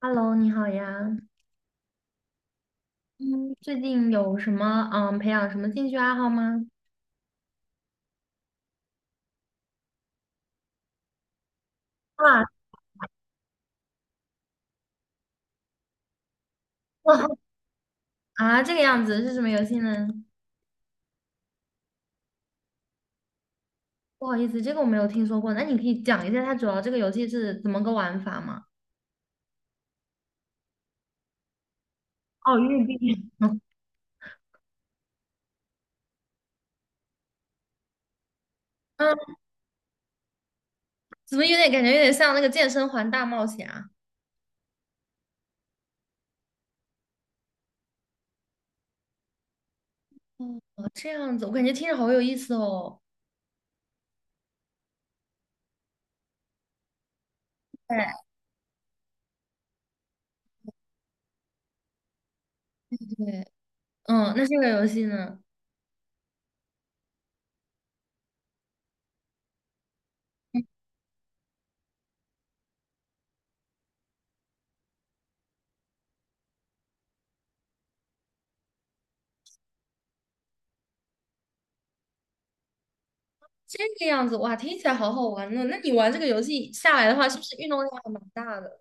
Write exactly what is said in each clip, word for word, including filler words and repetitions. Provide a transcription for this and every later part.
Hello，你好呀。嗯，最近有什么嗯培养什么兴趣爱好吗？啊。哦。啊，这个样子是什么游戏呢？不好意思，这个我没有听说过。那你可以讲一下它主要这个游戏是怎么个玩法吗？哦，玉币。嗯，怎么有点感觉有点像那个健身环大冒险啊？哦，这样子，我感觉听着好有意思哦。对对。嗯，那这个游戏呢？嗯。这个样子，哇，听起来好好玩呢。那你玩这个游戏下来的话，是不是运动量还蛮大的？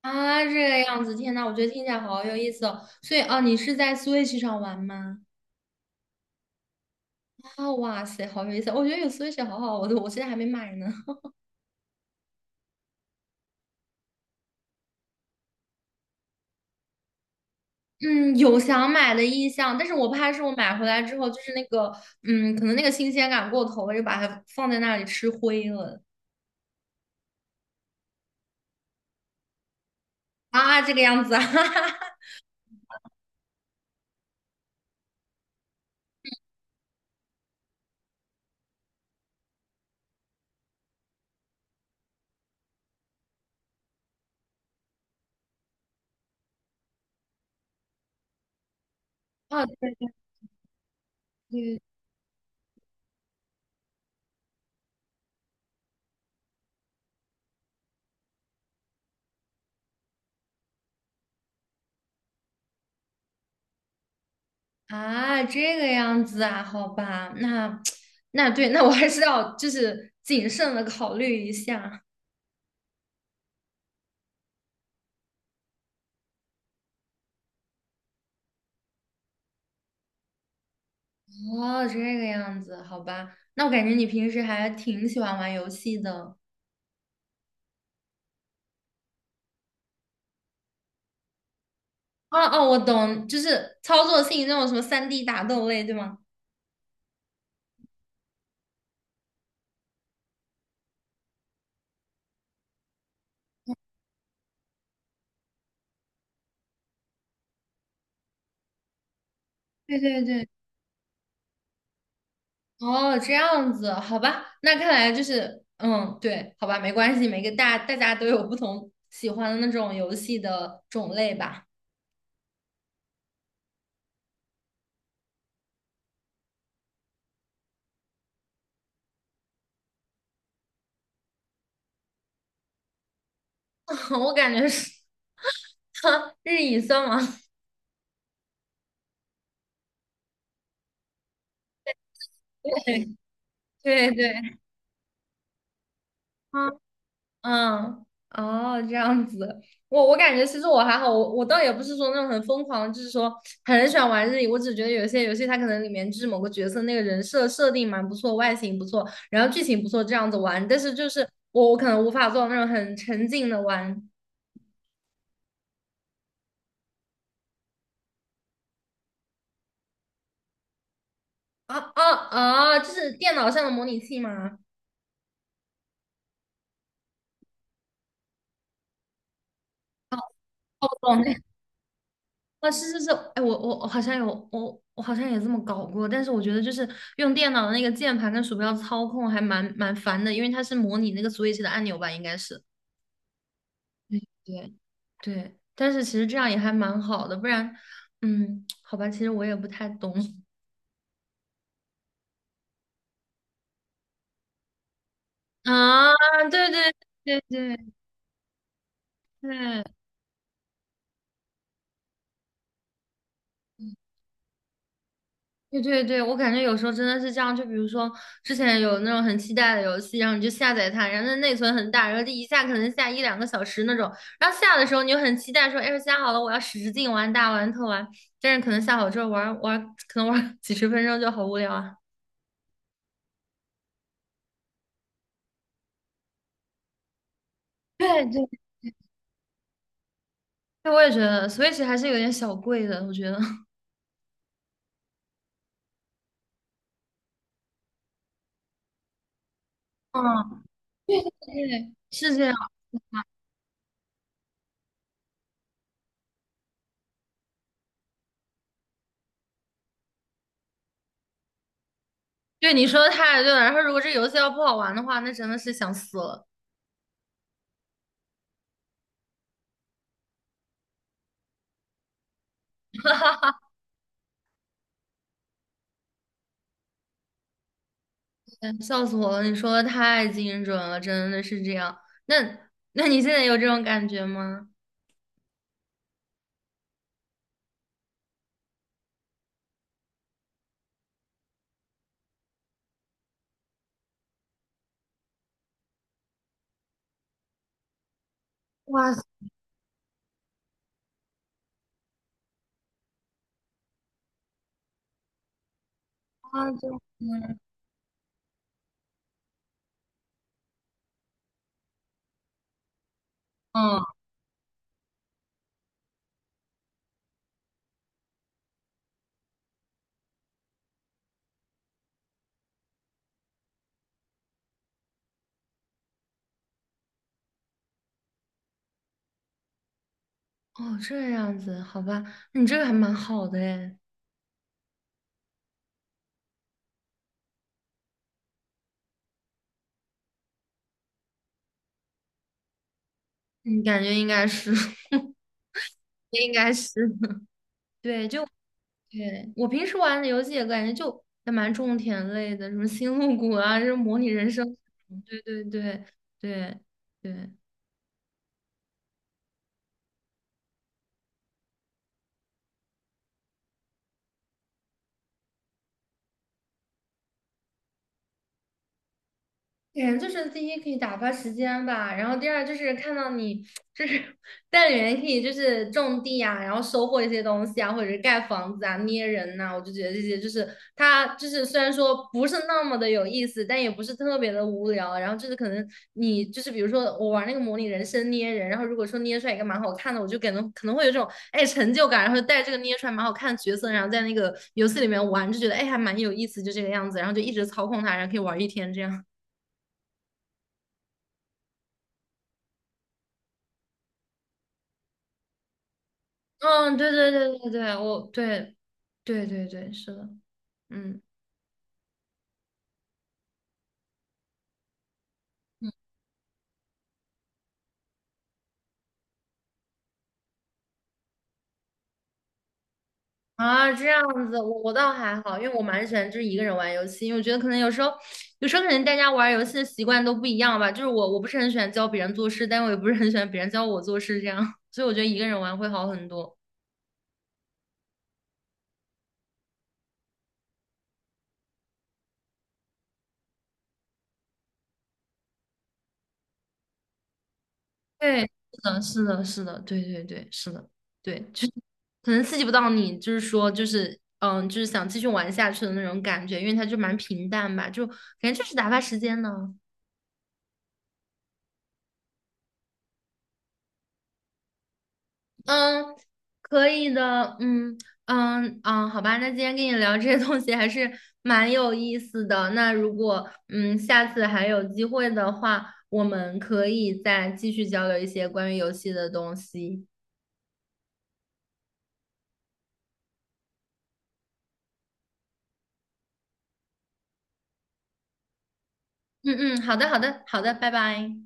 啊，这个样子，天呐，我觉得听起来好有意思哦。所以啊，你是在 Switch 上玩吗？啊，哇塞，好有意思！我觉得有 Switch 好好，我都我现在还没买呢。嗯，有想买的意向，但是我怕是我买回来之后，就是那个，嗯，可能那个新鲜感过头了，就把它放在那里吃灰了。啊，这个样子啊，哈哈哈。哦，对对对。啊，这个样子啊，好吧，那 那对，那我还是要就是谨慎的考虑一下。哦，这个样子，好吧。那我感觉你平时还挺喜欢玩游戏的。哦哦，我懂，就是操作性那种什么三 d 打斗类，对吗？对对对。哦，这样子，好吧。那看来就是，嗯，对，好吧，没关系，每个大大家都有不同喜欢的那种游戏的种类吧。我感觉是 日语算吗？对对对。啊。嗯。哦，这样子，我我感觉其实我还好，我我倒也不是说那种很疯狂，就是说很喜欢玩日语，我只觉得有些游戏它可能里面就是某个角色那个人设设定蛮不错，外形不错，然后剧情不错，这样子玩，但是就是我我可能无法做到那种很沉浸的玩。啊啊啊，就是电脑上的模拟器吗？哦，我懂。啊，是是是。哎，我我我好像有我我好像也这么搞过，但是我觉得就是用电脑的那个键盘跟鼠标操控还蛮蛮烦的，因为它是模拟那个 Switch 的按钮吧，应该是。对对。但是其实这样也还蛮好的，不然，嗯，好吧，其实我也不太懂 啊，对对对对对。对对对，我感觉有时候真的是这样，就比如说之前有那种很期待的游戏，然后你就下载它，然后它内存很大，然后就一下可能下一两个小时那种，然后下的时候你就很期待说，哎，下好了，我要使使劲玩大玩特玩，但是可能下好之后玩玩，可能玩 几十分钟就好无聊啊。对对。对，我也觉得 Switch 还是有点小贵的，我觉得。嗯，对，是这样。对，你说的太对了。然后如果这游戏要不好玩的话，那真的是想死了。笑死我了！你说的太精准了，真的是这样。那那你现在有这种感觉吗？哇塞。就是嗯，哦，这样子，好吧，那你这个还蛮好的诶。你感觉应该是，应该是，对，就对我平时玩的游戏也感觉就还蛮种田类的，什么星露谷啊，这种模拟人生。对对对对对。嗯，就是第一可以打发时间吧，然后第二就是看到你就是 带领人可以就是种地啊，然后收获一些东西啊，或者是盖房子啊、捏人呐、我就觉得这些就是它就是虽然说不是那么的有意思，但也不是特别的无聊。然后就是可能你就是比如说我玩那个模拟人生捏人，然后如果说捏出来一个蛮好看的，我就感觉可能会有这种哎成就感，然后就带这个捏出来蛮好看的角色，然后在那个游戏里面玩，就觉得哎还蛮有意思，就这个样子，然后就一直操控它，然后可以玩一天这样。嗯，对对对对对，我对对对对，是的。嗯。啊，这样子，我我倒还好，因为我蛮喜欢就是一个人玩游戏，因为我觉得可能有时候，有时候可能大家玩游戏的习惯都不一样吧，就是我我不是很喜欢教别人做事，但我也不是很喜欢别人教我做事这样，所以我觉得一个人玩会好很多。对，是的，是的，是的，对对对，是的。对，就是可能刺激不到你，就是说，就是嗯，就是想继续玩下去的那种感觉，因为它就蛮平淡吧，就感觉就是打发时间呢。嗯，可以的，嗯嗯嗯，好吧，那今天跟你聊这些东西还是蛮有意思的。那如果嗯下次还有机会的话，我们可以再继续交流一些关于游戏的东西。嗯嗯，好的好的好的，拜拜。